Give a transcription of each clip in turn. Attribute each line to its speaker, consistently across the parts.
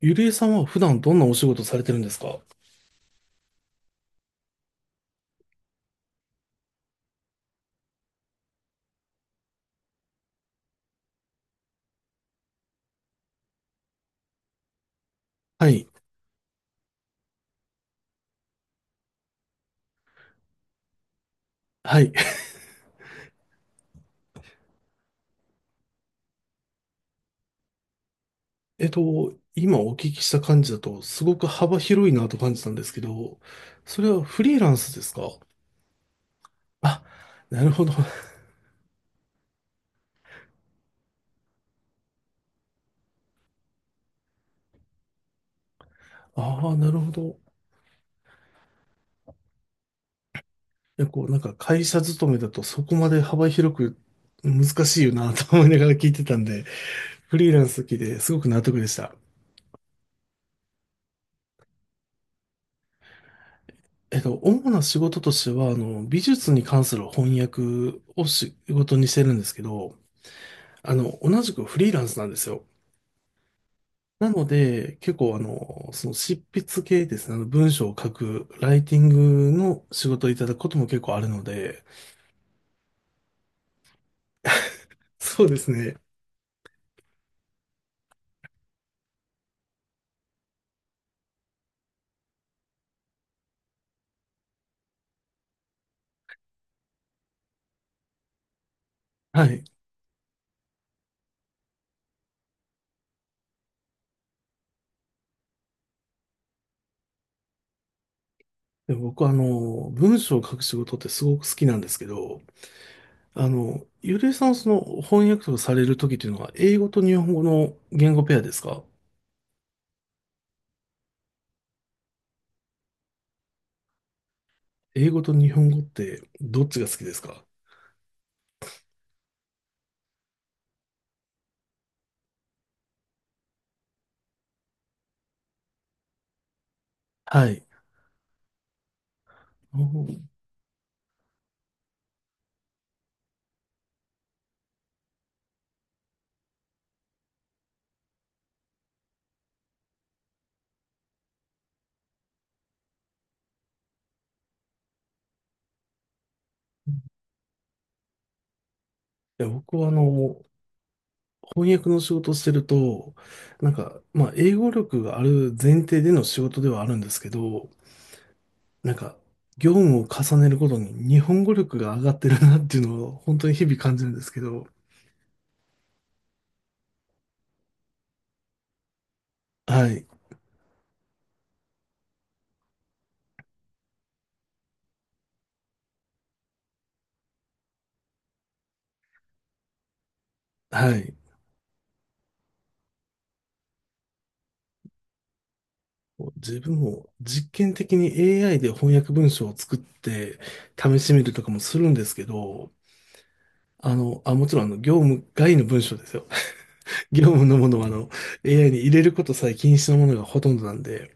Speaker 1: ゆりえさんは普段どんなお仕事されてるんですか？はい。はい。今お聞きした感じだと、すごく幅広いなと感じたんですけど、それはフリーランスですか？あ、なるほど。ああ、なるほど。いや、こう、なんか会社勤めだとそこまで幅広く難しいよなと思いながら聞いてたんで、フリーランス好きですごく納得でした。主な仕事としては、美術に関する翻訳を仕事にしてるんですけど、同じくフリーランスなんですよ。なので、結構その執筆系ですね、あの文章を書く、ライティングの仕事をいただくことも結構あるので、そうですね。はい。で僕は文章を書く仕事ってすごく好きなんですけど、ゆりえさんはその翻訳とかされるときっていうのは、英語と日本語の言語ペアですか？英語と日本語ってどっちが好きですか？はい。あのいや僕は翻訳の仕事をしてると、なんか、まあ、英語力がある前提での仕事ではあるんですけど、なんか、業務を重ねることに日本語力が上がってるなっていうのを本当に日々感じるんですけど、はい、はい。自分も実験的に AI で翻訳文章を作って試してみるとかもするんですけど、もちろん業務外の文章ですよ。業務のものはAI に入れることさえ禁止のものがほとんどなんで、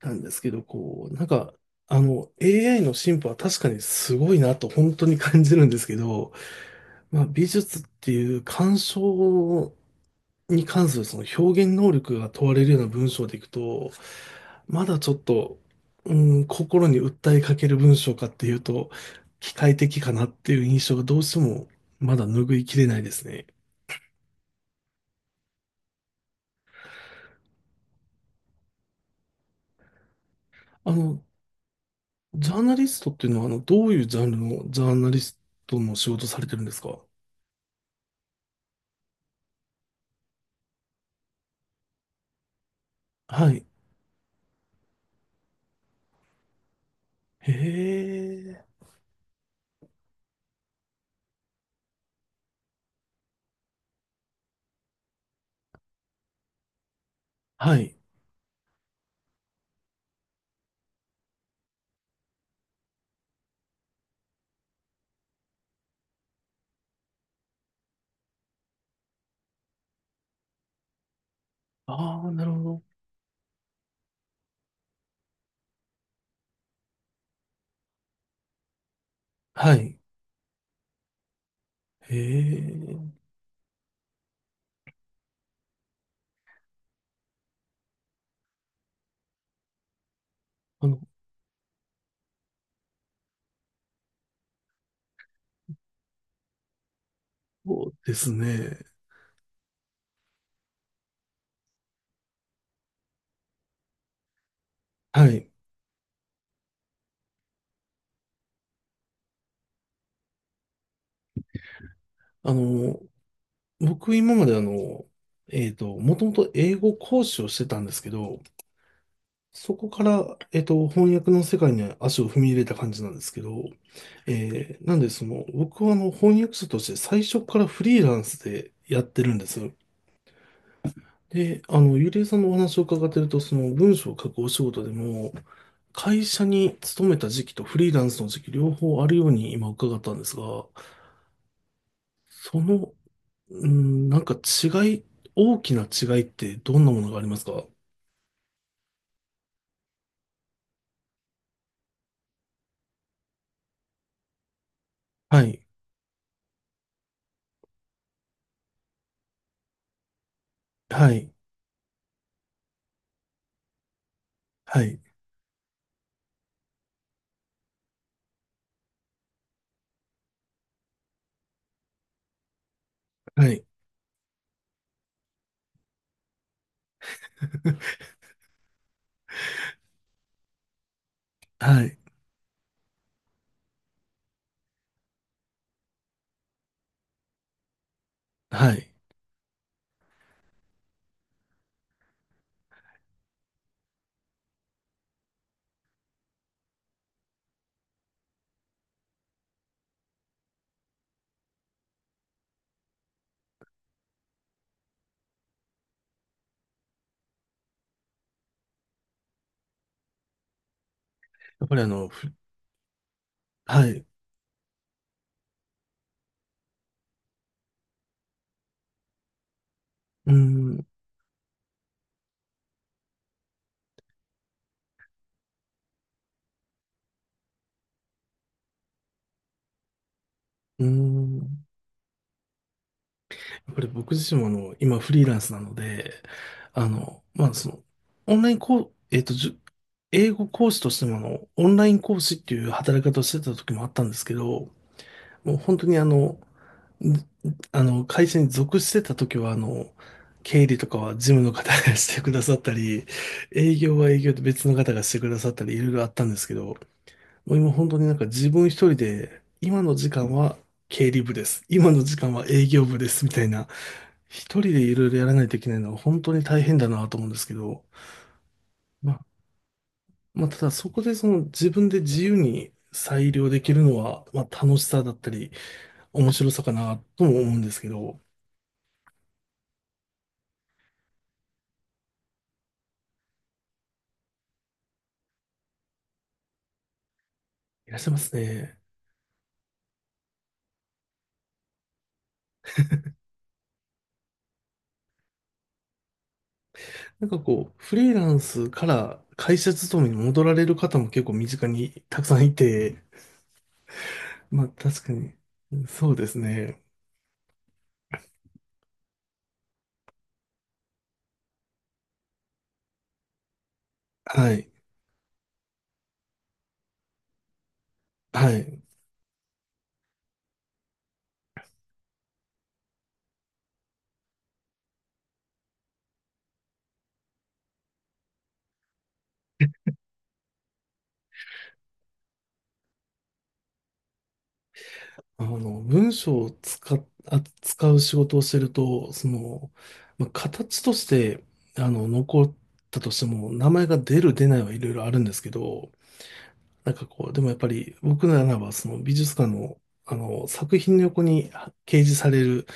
Speaker 1: なんですけど、こう、なんか、AI の進歩は確かにすごいなと本当に感じるんですけど、まあ、美術っていう鑑賞に関するその表現能力が問われるような文章でいくと、まだちょっと、う心に訴えかける文章かっていうと、機械的かなっていう印象がどうしてもまだ拭いきれないですね。あの、ジャーナリストっていうのは、どういうジャンルのジャーナリストの仕事されてるんですか？はい。へえ。はい。ああ、なるほど。はい。へえ。あの、そうですね。はい。あの、僕今までもともと英語講師をしてたんですけど、そこから、翻訳の世界に足を踏み入れた感じなんですけど、なんでその、僕は翻訳者として最初からフリーランスでやってるんです。で、ゆりえさんのお話を伺ってると、その文章を書くお仕事でも、会社に勤めた時期とフリーランスの時期両方あるように今伺ったんですが、その、うん、なんか違い、大きな違いってどんなものがありますか？はい、はい、はい、はい、はい、はい。やっぱりはい、うん、うん。やっぱり僕自身も今フリーランスなので、あの、まあその、オンラインこう、えっと、じゅ英語講師としてもオンライン講師っていう働き方をしてた時もあったんですけど、もう本当にあの、ず会社に属してた時は経理とかは事務の方が してくださったり、営業は営業で別の方がしてくださったり、いろいろあったんですけど、もう今本当になんか自分一人で、今の時間は経理部です。今の時間は営業部です。みたいな、一人でいろいろやらないといけないのは本当に大変だなと思うんですけど、まあまあ、ただそこでその自分で自由に裁量できるのは、まあ、楽しさだったり、面白さかなとも思うんですけど、いらっしゃいますね。なんかこう、フリーランスから会社勤めに戻られる方も結構身近にたくさんいて、まあ確かに、そうですね。はい。はい。あの、文章を使っ、あ使う仕事をしてると、その、まあ、形として、残ったとしても、名前が出る出ないはいろいろあるんですけど、なんかこう、でもやっぱり僕ならばその美術館のあの作品の横に掲示される、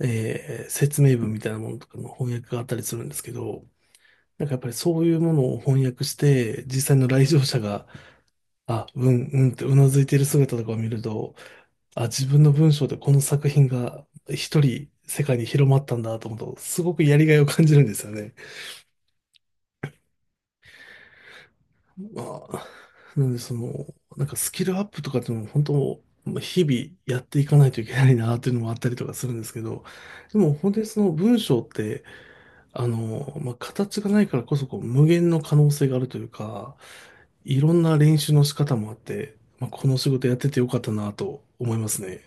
Speaker 1: えー説明文みたいなものとかの翻訳があったりするんですけど、なんかやっぱりそういうものを翻訳して、実際の来場者が、あ、うんうんってうなずいている姿とかを見ると、あ、自分の文章でこの作品が一人世界に広まったんだと思うと、すごくやりがいを感じるんですよね。まあ、なんでその、なんかスキルアップとかっていうのも本当、まあ日々やっていかないといけないなっていうのもあったりとかするんですけど、でも本当にその文章って、まあ、形がないからこそこう無限の可能性があるというか、いろんな練習の仕方もあって、まあ、この仕事やっててよかったなと思いますね。